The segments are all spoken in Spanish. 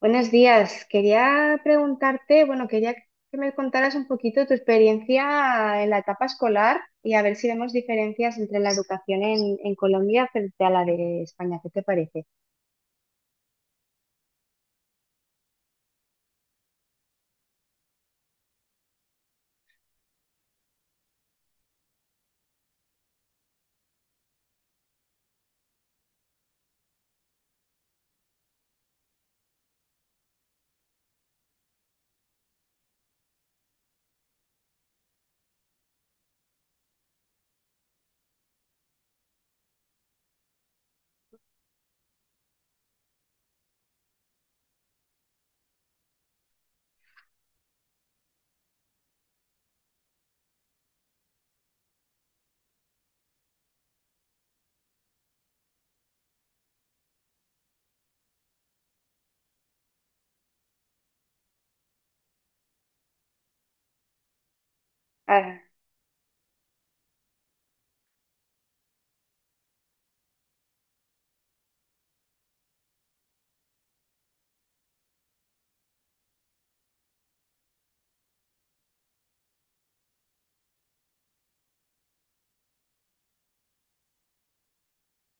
Buenos días. Quería preguntarte, bueno, quería que me contaras un poquito tu experiencia en la etapa escolar y a ver si vemos diferencias entre la educación en Colombia frente a la de España. ¿Qué te parece? Ah,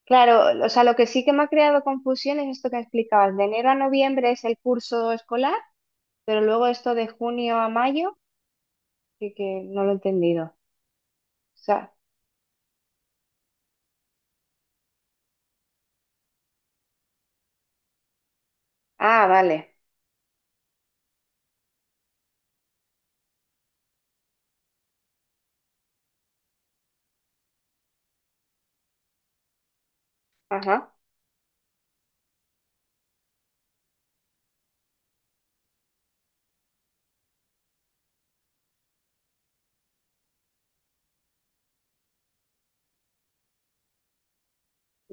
claro, o sea, lo que sí que me ha creado confusión es esto que explicabas. De enero a noviembre es el curso escolar, pero luego esto de junio a mayo, que no lo he entendido. O sea, ah, vale. Ajá.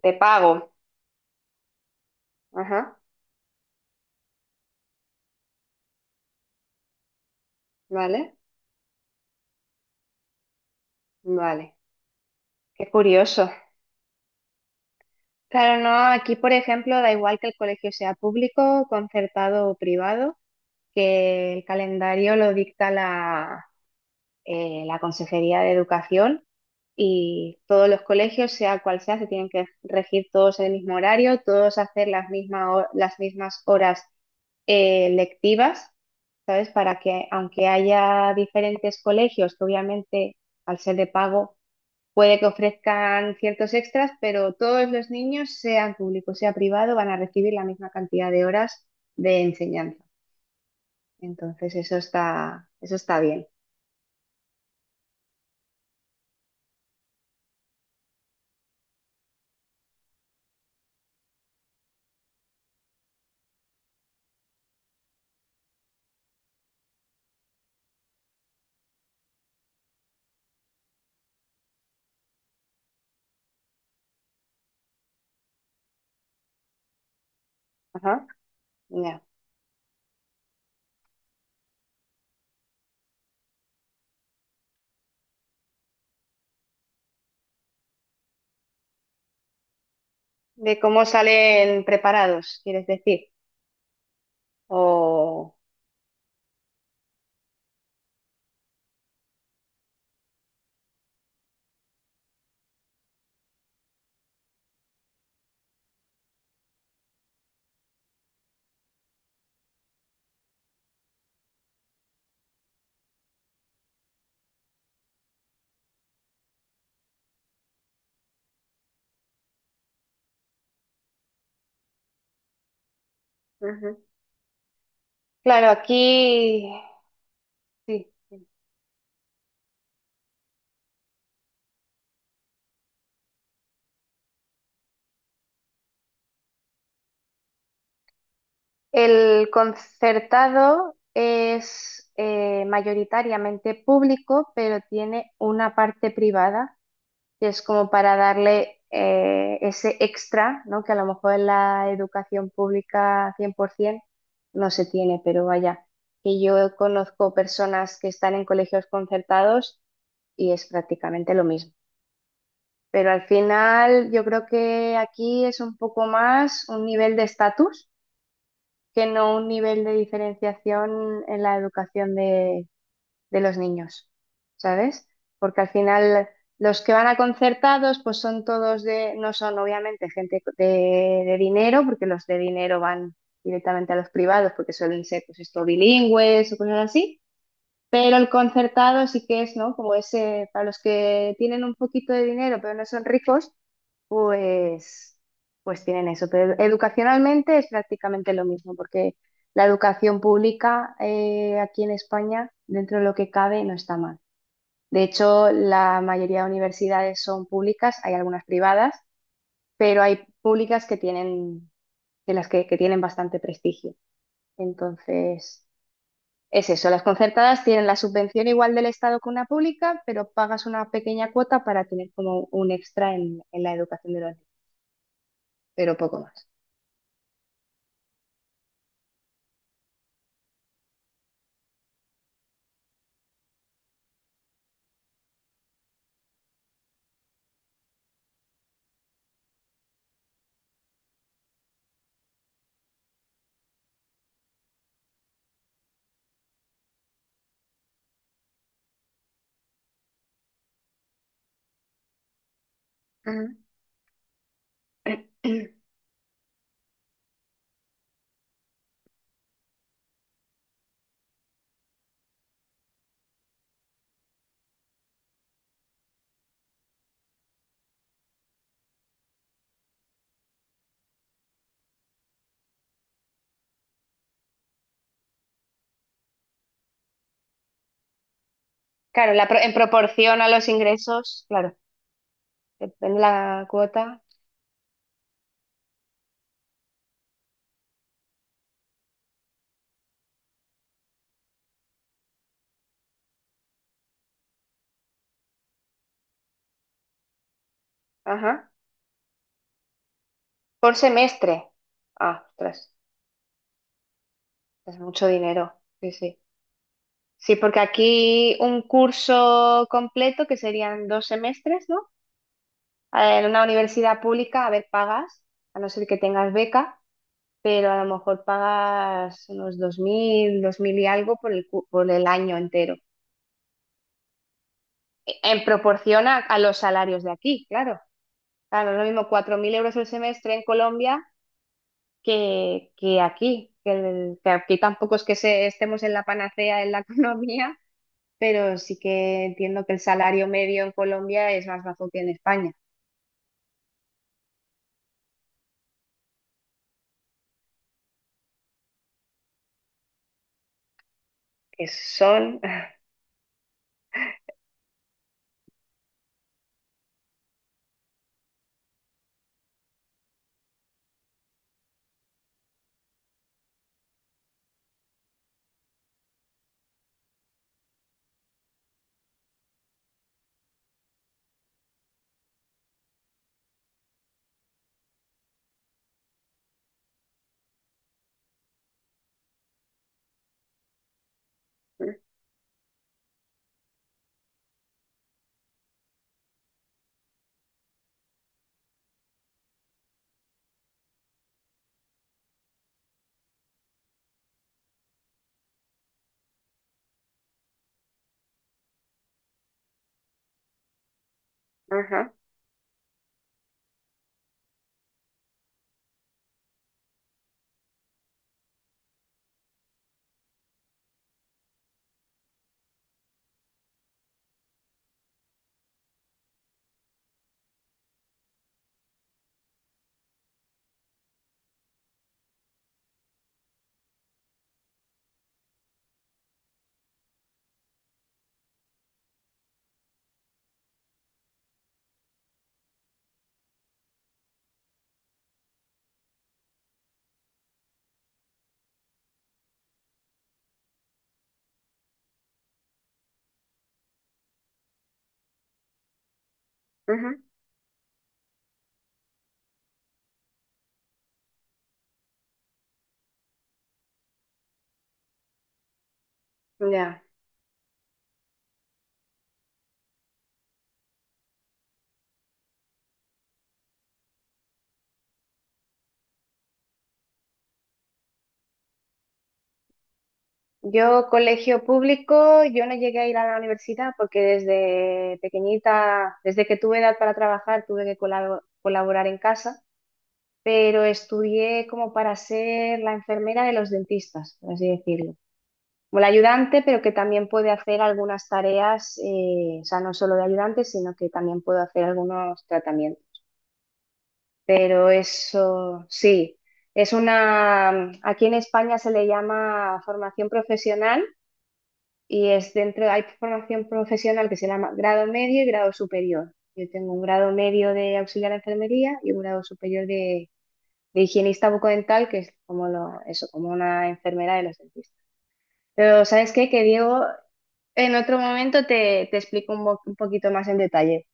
De pago. Ajá. Vale. Vale. Qué curioso. Claro, no, aquí por ejemplo da igual que el colegio sea público, concertado o privado, que el calendario lo dicta la Consejería de Educación y todos los colegios, sea cual sea, se tienen que regir todos el mismo horario, todos hacer las mismas horas lectivas, ¿sabes? Para que aunque haya diferentes colegios, que obviamente al ser de pago puede que ofrezcan ciertos extras, pero todos los niños, sean público, sea privado, van a recibir la misma cantidad de horas de enseñanza. Entonces, eso está bien. Ajá. Ya. De cómo salen preparados, quieres decir. O Ujú. Claro, aquí sí. El concertado es mayoritariamente público, pero tiene una parte privada que es como para darle ese extra, ¿no? Que a lo mejor en la educación pública 100% no se tiene, pero vaya, que yo conozco personas que están en colegios concertados y es prácticamente lo mismo. Pero al final yo creo que aquí es un poco más un nivel de estatus que no un nivel de diferenciación en la educación de los niños, ¿sabes? Porque al final los que van a concertados, pues son todos de, no son obviamente gente de dinero, porque los de dinero van directamente a los privados, porque suelen ser, pues esto, bilingües o cosas así. Pero el concertado sí que es, ¿no? Como ese, para los que tienen un poquito de dinero, pero no son ricos, pues, pues tienen eso, pero educacionalmente es prácticamente lo mismo, porque la educación pública aquí en España, dentro de lo que cabe, no está mal. De hecho, la mayoría de universidades son públicas, hay algunas privadas, pero hay públicas que tienen, de las que tienen bastante prestigio. Entonces, es eso, las concertadas tienen la subvención igual del Estado que una pública, pero pagas una pequeña cuota para tener como un extra en la educación de los niños, pero poco más. Claro, en proporción a los ingresos, claro, depende la cuota. Ajá. Por semestre. Ah, ostras, es mucho dinero. Sí, sí. Sí, porque aquí un curso completo, que serían dos semestres, ¿no? En una universidad pública, a ver, pagas, a no ser que tengas beca, pero a lo mejor pagas unos dos mil, dos mil y algo por por el año entero. En proporción a los salarios de aquí, claro. Claro, no es lo mismo 4.000 euros el semestre en Colombia que aquí, que aquí tampoco es que estemos en la panacea en la economía, pero sí que entiendo que el salario medio en Colombia es más bajo que en España, que son... Ajá, ajá, ya. Yo, colegio público, yo no llegué a ir a la universidad porque desde pequeñita, desde que tuve edad para trabajar, tuve que colaborar en casa. Pero estudié como para ser la enfermera de los dentistas, por así decirlo. Como la ayudante, pero que también puede hacer algunas tareas, o sea, no solo de ayudante, sino que también puedo hacer algunos tratamientos. Pero eso sí, es una, aquí en España se le llama formación profesional y es dentro, hay formación profesional que se llama grado medio y grado superior. Yo tengo un grado medio de auxiliar de enfermería y un grado superior de higienista bucodental, que es como lo, eso, como una enfermera de los dentistas. Pero ¿sabes qué? Que Diego, en otro momento te explico un poquito más en detalle.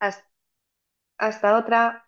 Hasta, hasta otra.